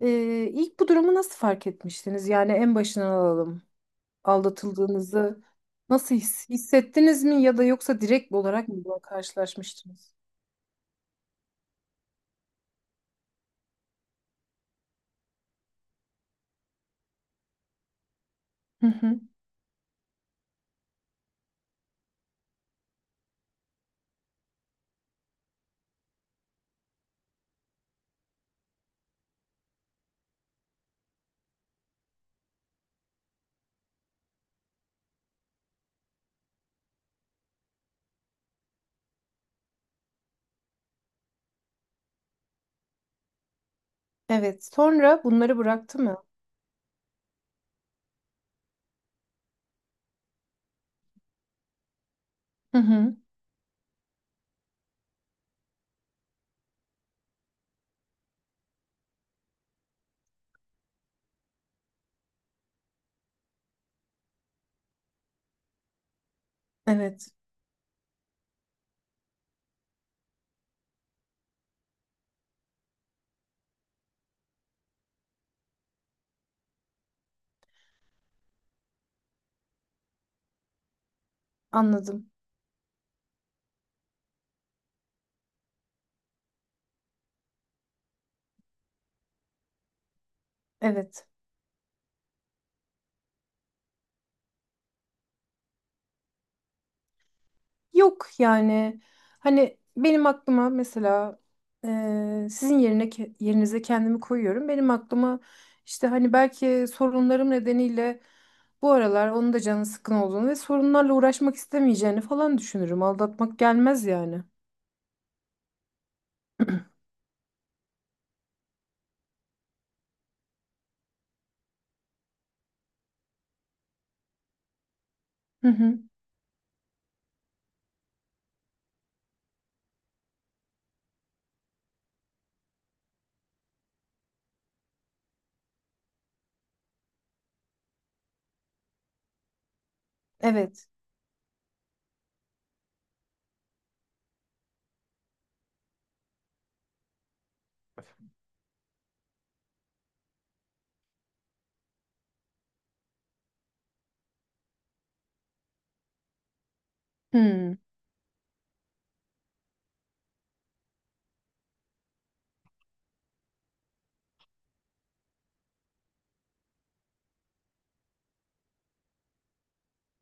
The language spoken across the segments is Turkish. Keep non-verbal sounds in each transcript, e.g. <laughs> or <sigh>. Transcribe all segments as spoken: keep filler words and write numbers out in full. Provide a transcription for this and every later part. Ee, ilk bu durumu nasıl fark etmiştiniz? Yani en başından alalım. Aldatıldığınızı nasıl his- hissettiniz mi ya da yoksa direkt olarak mı buna karşılaşmıştınız? Hı hı. Evet. Sonra bunları bıraktı mı? Hı hı. Evet. Anladım. Evet. Yok yani hani benim aklıma mesela eee, sizin yerine ke- yerinize kendimi koyuyorum. Benim aklıma işte hani belki sorunlarım nedeniyle bu aralar onun da canı sıkkın olduğunu ve sorunlarla uğraşmak istemeyeceğini falan düşünürüm. Aldatmak gelmez yani. Hı hı. Evet. Hı.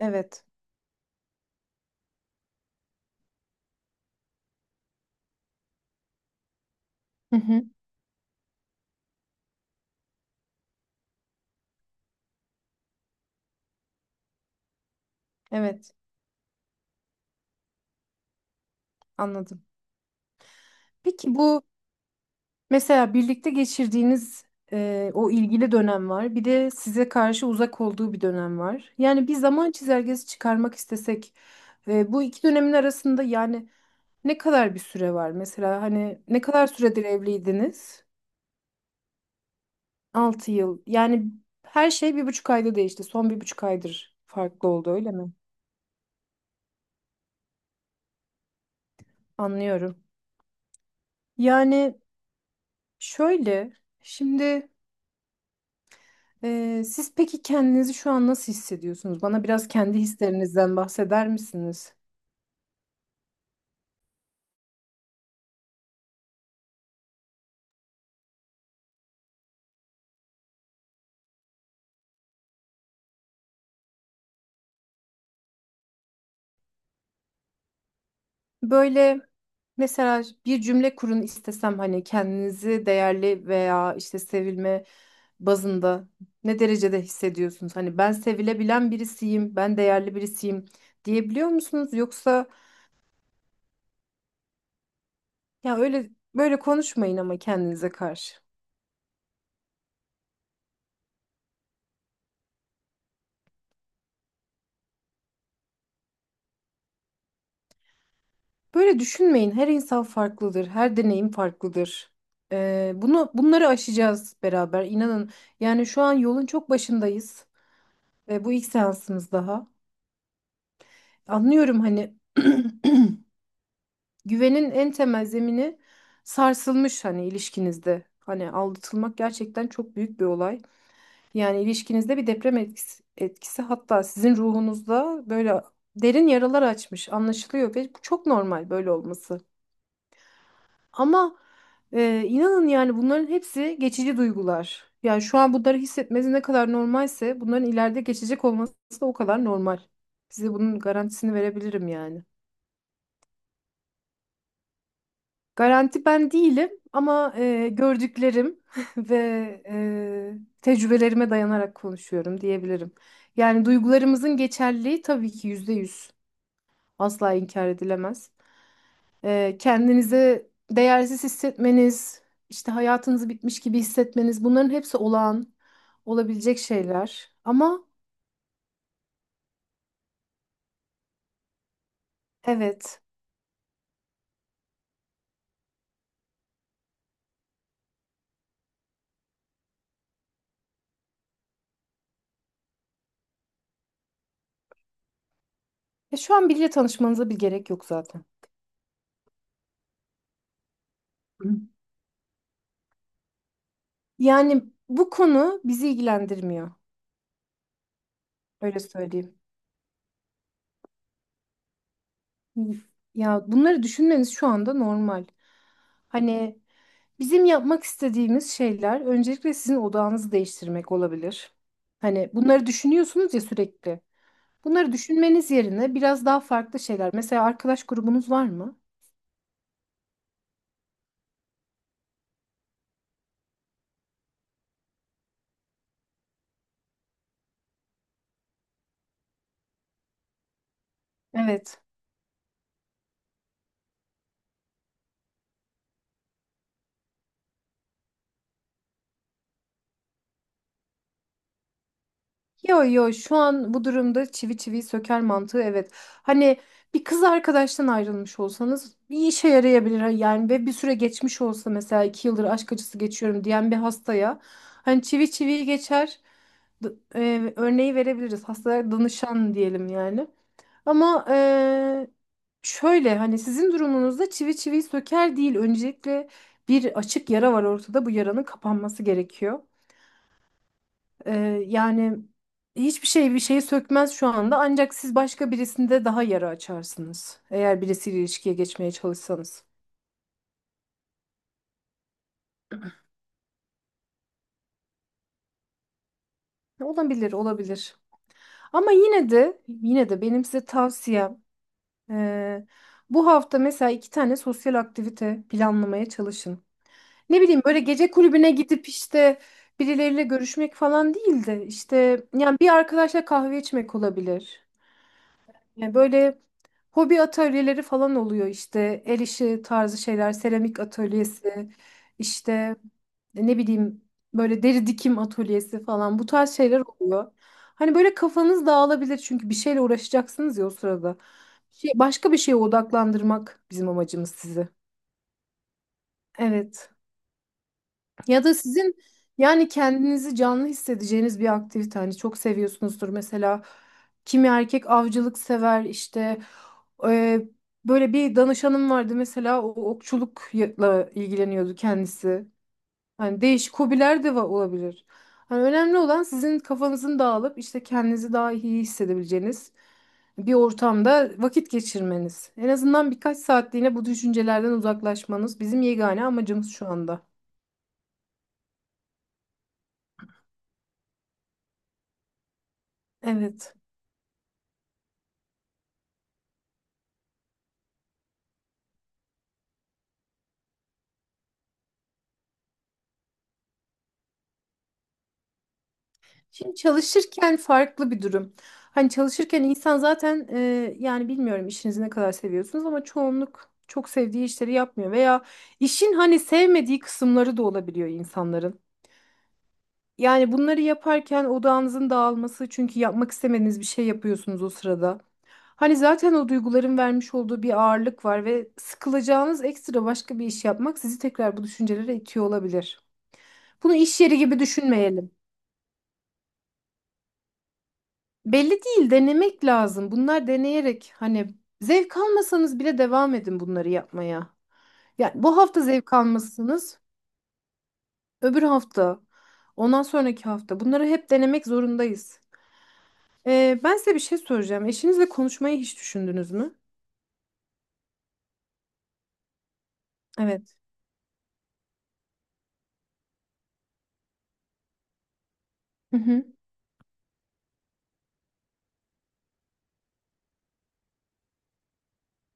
Evet. Hı hı. Evet. Anladım. Peki bu. Mesela birlikte geçirdiğiniz e, o ilgili dönem var. Bir de size karşı uzak olduğu bir dönem var. Yani bir zaman çizelgesi çıkarmak istesek e, bu iki dönemin arasında yani ne kadar bir süre var? Mesela hani ne kadar süredir evliydiniz? Altı yıl. Yani her şey bir buçuk ayda değişti. Son bir buçuk aydır farklı oldu öyle mi? Anlıyorum. Yani şöyle şimdi. Ee, siz peki kendinizi şu an nasıl hissediyorsunuz? Bana biraz kendi hislerinizden bahseder misiniz? Böyle mesela bir cümle kurun istesem hani kendinizi değerli veya işte sevilme bazında ne derecede hissediyorsunuz? Hani ben sevilebilen birisiyim, ben değerli birisiyim diyebiliyor musunuz? Yoksa ya öyle böyle konuşmayın ama kendinize karşı. Böyle düşünmeyin. Her insan farklıdır. Her deneyim farklıdır. Ee, bunu bunları aşacağız beraber. İnanın. Yani şu an yolun çok başındayız. Ve bu ilk seansımız daha. Anlıyorum hani <clears throat> güvenin en temel zemini sarsılmış hani ilişkinizde. Hani aldatılmak gerçekten çok büyük bir olay. Yani ilişkinizde bir deprem etkisi, etkisi hatta sizin ruhunuzda böyle derin yaralar açmış anlaşılıyor ve bu çok normal böyle olması. Ama e, inanın yani bunların hepsi geçici duygular. Yani şu an bunları hissetmesi ne kadar normalse bunların ileride geçecek olması da o kadar normal. Size bunun garantisini verebilirim yani. Garanti ben değilim ama e, gördüklerim <laughs> ve e, tecrübelerime dayanarak konuşuyorum diyebilirim. Yani duygularımızın geçerliliği tabii ki yüzde yüz asla inkar edilemez. Ee, kendinizi değersiz hissetmeniz, işte hayatınızı bitmiş gibi hissetmeniz bunların hepsi olağan olabilecek şeyler. Ama evet, e, şu an biriyle tanışmanıza bir gerek yok zaten. Hı. Yani bu konu bizi ilgilendirmiyor. Öyle söyleyeyim. Ya bunları düşünmeniz şu anda normal. Hani bizim yapmak istediğimiz şeyler öncelikle sizin odağınızı değiştirmek olabilir. Hani bunları düşünüyorsunuz ya sürekli. Bunları düşünmeniz yerine biraz daha farklı şeyler. Mesela arkadaş grubunuz var mı? Evet. Yo yo şu an bu durumda çivi çiviyi söker mantığı evet. Hani bir kız arkadaştan ayrılmış olsanız bir işe yarayabilir. Hani yani ve bir süre geçmiş olsa mesela iki yıldır aşk acısı geçiyorum diyen bir hastaya hani çivi çiviyi geçer d- e, örneği verebiliriz. Hastalara danışan diyelim yani. Ama eee, şöyle hani sizin durumunuzda çivi çiviyi söker değil. Öncelikle bir açık yara var ortada. Bu yaranın kapanması gerekiyor. Eee, yani hiçbir şey bir şeyi sökmez şu anda. Ancak siz başka birisinde daha yara açarsınız. Eğer birisiyle ilişkiye geçmeye çalışsanız. E, Olabilir, olabilir. Ama yine de yine de benim size tavsiyem eee, bu hafta mesela iki tane sosyal aktivite planlamaya çalışın. Ne bileyim böyle gece kulübüne gidip işte birileriyle görüşmek falan değil de işte yani bir arkadaşla kahve içmek olabilir. Yani böyle hobi atölyeleri falan oluyor işte el işi tarzı şeyler, seramik atölyesi, işte ne bileyim böyle deri dikim atölyesi falan bu tarz şeyler oluyor. Hani böyle kafanız dağılabilir çünkü bir şeyle uğraşacaksınız ya o sırada. Şey, başka bir şeye odaklandırmak bizim amacımız sizi. Evet. Ya da sizin yani kendinizi canlı hissedeceğiniz bir aktivite hani çok seviyorsunuzdur mesela kimi erkek avcılık sever işte e, böyle bir danışanım vardı mesela o okçulukla ilgileniyordu kendisi. Hani değişik hobiler de va- olabilir. Hani önemli olan sizin kafanızın dağılıp işte kendinizi daha iyi hissedebileceğiniz bir ortamda vakit geçirmeniz. En azından birkaç saatliğine bu düşüncelerden uzaklaşmanız bizim yegane amacımız şu anda. Evet. Şimdi çalışırken farklı bir durum. Hani çalışırken insan zaten e, yani bilmiyorum işinizi ne kadar seviyorsunuz ama çoğunluk çok sevdiği işleri yapmıyor veya işin hani sevmediği kısımları da olabiliyor insanların. Yani bunları yaparken odağınızın dağılması çünkü yapmak istemediğiniz bir şey yapıyorsunuz o sırada. Hani zaten o duyguların vermiş olduğu bir ağırlık var ve sıkılacağınız ekstra başka bir iş yapmak sizi tekrar bu düşüncelere itiyor olabilir. Bunu iş yeri gibi düşünmeyelim. Belli değil, denemek lazım. Bunlar deneyerek hani zevk almasanız bile devam edin bunları yapmaya. Yani bu hafta zevk almazsınız, öbür hafta, ondan sonraki hafta. Bunları hep denemek zorundayız. Ee, ben size bir şey soracağım. Eşinizle konuşmayı hiç düşündünüz mü? Evet. Hı hı.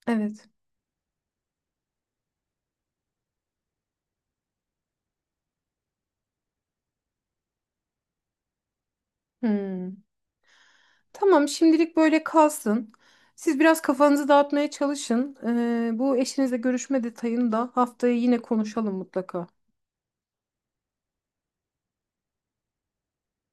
Evet. Hmm. Tamam, şimdilik böyle kalsın. Siz biraz kafanızı dağıtmaya çalışın. Ee, bu eşinizle görüşme detayını da haftaya yine konuşalım mutlaka.